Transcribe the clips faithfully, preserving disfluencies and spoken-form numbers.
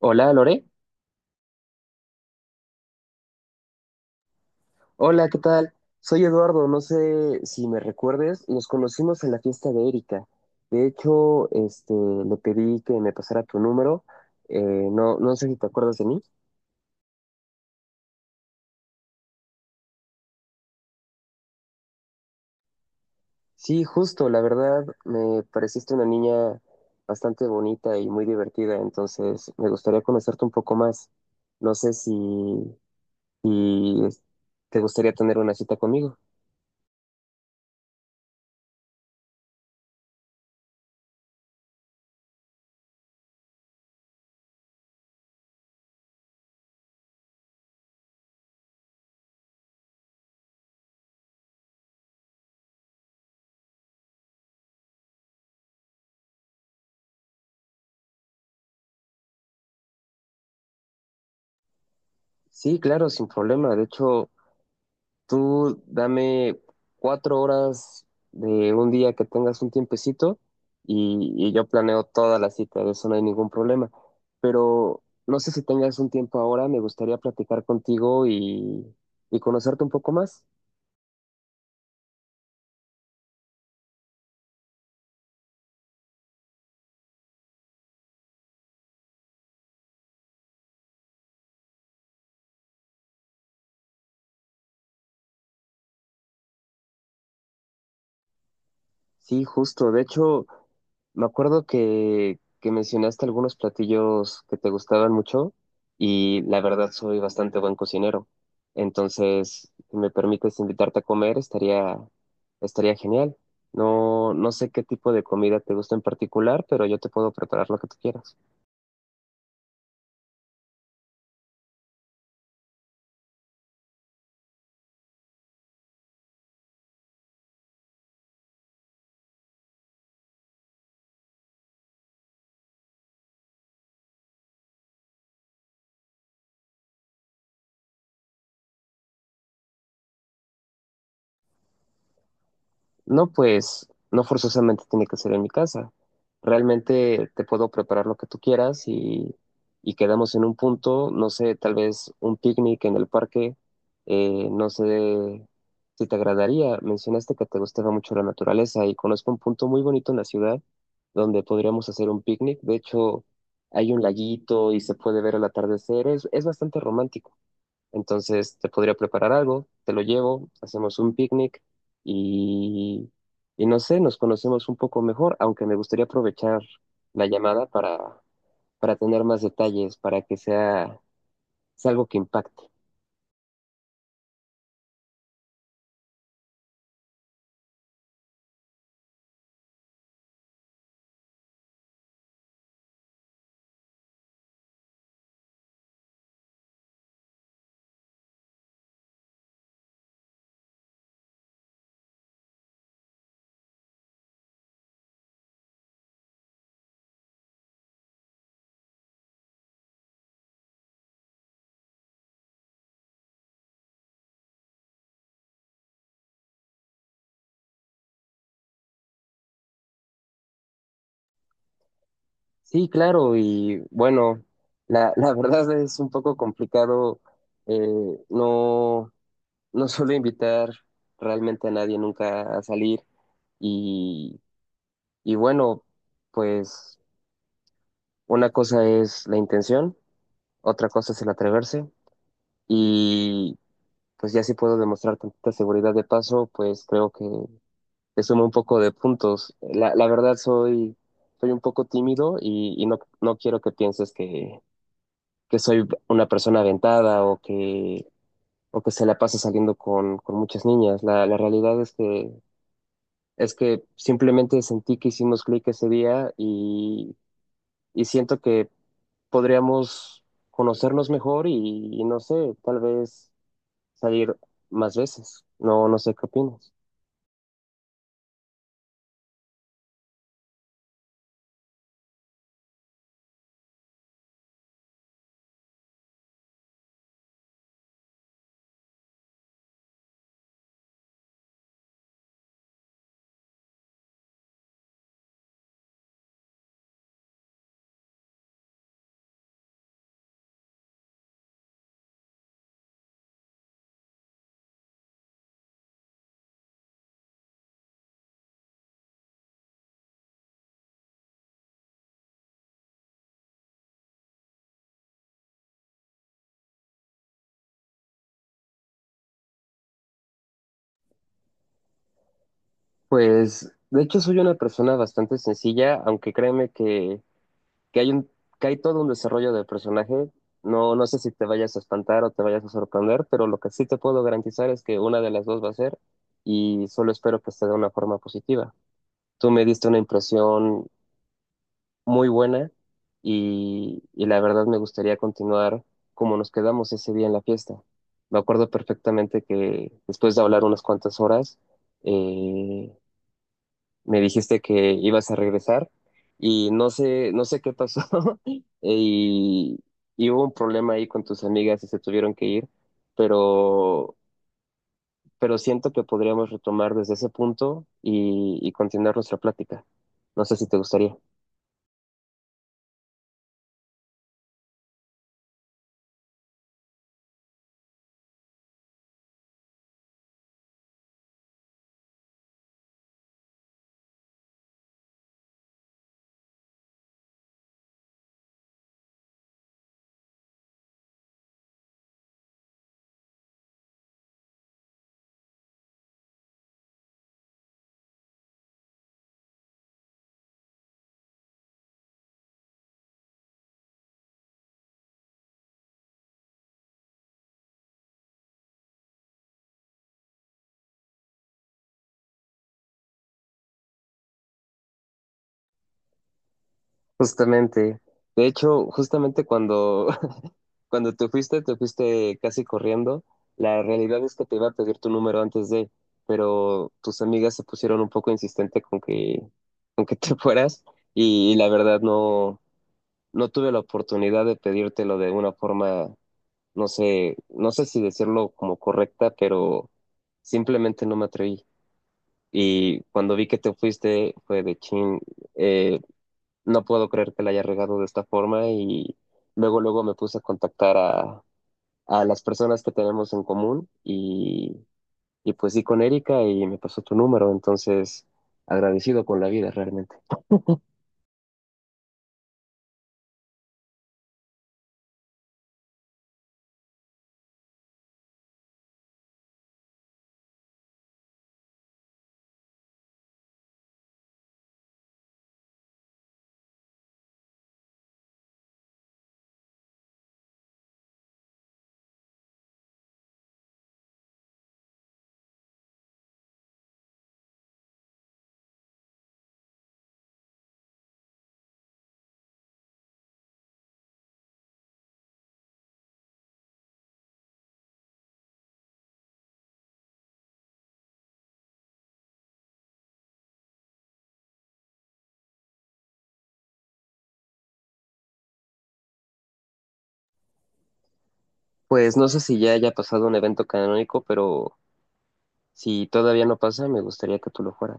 Hola, Lore. Hola, ¿qué tal? Soy Eduardo. No sé si me recuerdes. Nos conocimos en la fiesta de Erika. De hecho, este, le pedí que me pasara tu número. Eh, no, no sé si te acuerdas de mí. Sí, justo. La verdad, me pareciste una niña bastante bonita y muy divertida. Entonces, me gustaría conocerte un poco más. No sé si, si te gustaría tener una cita conmigo. Sí, claro, sin problema. De hecho. Tú dame cuatro horas de un día que tengas un tiempecito y, y yo planeo toda la cita, de eso no hay ningún problema. Pero no sé si tengas un tiempo ahora, me gustaría platicar contigo y, y conocerte un poco más. Sí, justo. De hecho, me acuerdo que, que mencionaste algunos platillos que te gustaban mucho y la verdad soy bastante buen cocinero. Entonces, si me permites invitarte a comer, estaría, estaría genial. No, no sé qué tipo de comida te gusta en particular, pero yo te puedo preparar lo que tú quieras. No, pues no forzosamente tiene que ser en mi casa. Realmente te puedo preparar lo que tú quieras y, y quedamos en un punto, no sé, tal vez un picnic en el parque, eh, no sé si te agradaría. Mencionaste que te gustaba mucho la naturaleza y conozco un punto muy bonito en la ciudad donde podríamos hacer un picnic. De hecho, hay un laguito y se puede ver el atardecer. Es, es bastante romántico. Entonces te podría preparar algo, te lo llevo, hacemos un picnic y, y no sé, nos conocemos un poco mejor, aunque me gustaría aprovechar la llamada para, para tener más detalles, para que sea, sea algo que impacte. Sí, claro, y bueno, la, la verdad es un poco complicado, eh, no, no suelo invitar realmente a nadie nunca a salir y, y bueno, pues una cosa es la intención. Otra cosa es el atreverse y pues ya si puedo demostrar tanta seguridad de paso, pues creo que le sumo un poco de puntos. La, la verdad soy, soy un poco tímido y, y no, no quiero que pienses que, que soy una persona aventada o que, o que se la pasa saliendo con, con muchas niñas. La, la realidad es que, es que simplemente sentí que hicimos clic ese día y, y siento que podríamos conocernos mejor y, y no sé, tal vez salir más veces. No, no sé qué opinas. Pues, de hecho, soy una persona bastante sencilla, aunque créeme que, que hay un, que hay todo un desarrollo del personaje. No, no sé si te vayas a espantar o te vayas a sorprender, pero lo que sí te puedo garantizar es que una de las dos va a ser, y solo espero que esté de una forma positiva. Tú me diste una impresión muy buena y, y la verdad me gustaría continuar como nos quedamos ese día en la fiesta. Me acuerdo perfectamente que después de hablar unas cuantas horas, eh, me dijiste que ibas a regresar y no sé, no sé qué pasó y, y hubo un problema ahí con tus amigas y se tuvieron que ir, pero, pero siento que podríamos retomar desde ese punto y, y continuar nuestra plática. No sé si te gustaría. Justamente. De hecho, justamente cuando, cuando te fuiste, te fuiste casi corriendo. La realidad es que te iba a pedir tu número antes de, pero tus amigas se pusieron un poco insistente con que, con que te fueras y, la verdad no, no tuve la oportunidad de pedírtelo de una forma, no sé, no sé si decirlo como correcta, pero simplemente no me atreví. Y cuando vi que te fuiste fue de chin. eh, no puedo creer que la haya regado de esta forma y luego, luego me puse a contactar a, a las personas que tenemos en común y, y pues sí con Erika y me pasó tu número, entonces agradecido con la vida realmente. Pues no sé si ya haya pasado un evento canónico, pero si todavía no pasa, me gustaría que tú lo fueras.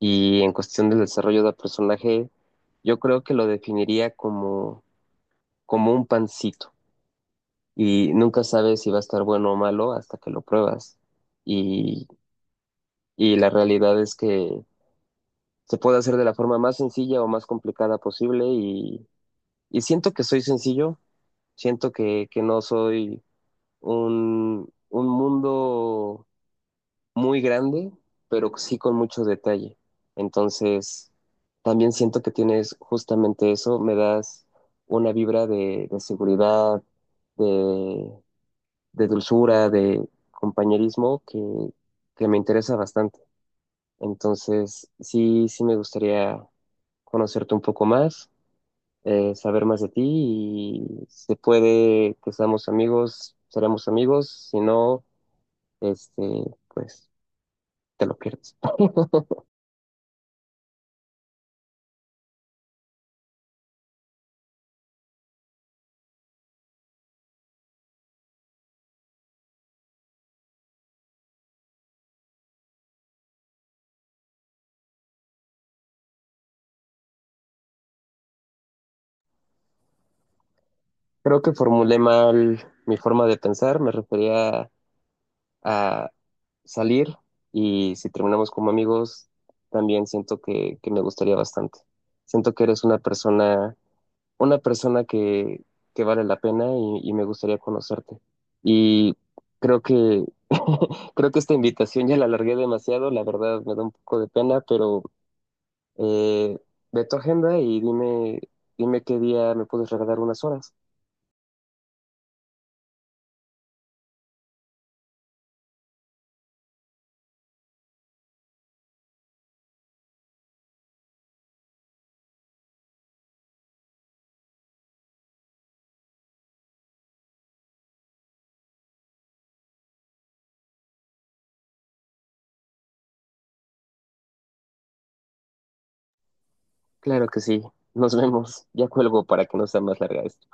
Y en cuestión del desarrollo del personaje, yo creo que lo definiría como, como un pancito. Y nunca sabes si va a estar bueno o malo hasta que lo pruebas. Y y la realidad es que se puede hacer de la forma más sencilla o más complicada posible y, y siento que soy sencillo, siento que, que no soy un, un mundo muy grande, pero sí con mucho detalle. Entonces, también siento que tienes justamente eso, me das una vibra de, de seguridad, de, de dulzura, de compañerismo que, que me interesa bastante. Entonces, sí, sí me gustaría conocerte un poco más, eh, saber más de ti y se puede que seamos amigos, seremos amigos, si no, este, pues te lo pierdes. Creo que formulé mal mi forma de pensar, me refería a salir y si terminamos como amigos, también siento que, que me gustaría bastante. Siento que eres una persona una persona que, que vale la pena y, y me gustaría conocerte. Y creo que, creo que esta invitación ya la alargué demasiado, la verdad me da un poco de pena, pero eh, ve tu agenda y dime, dime qué día me puedes regalar unas horas. Claro que sí, nos vemos. Ya cuelgo para que no sea más larga esta.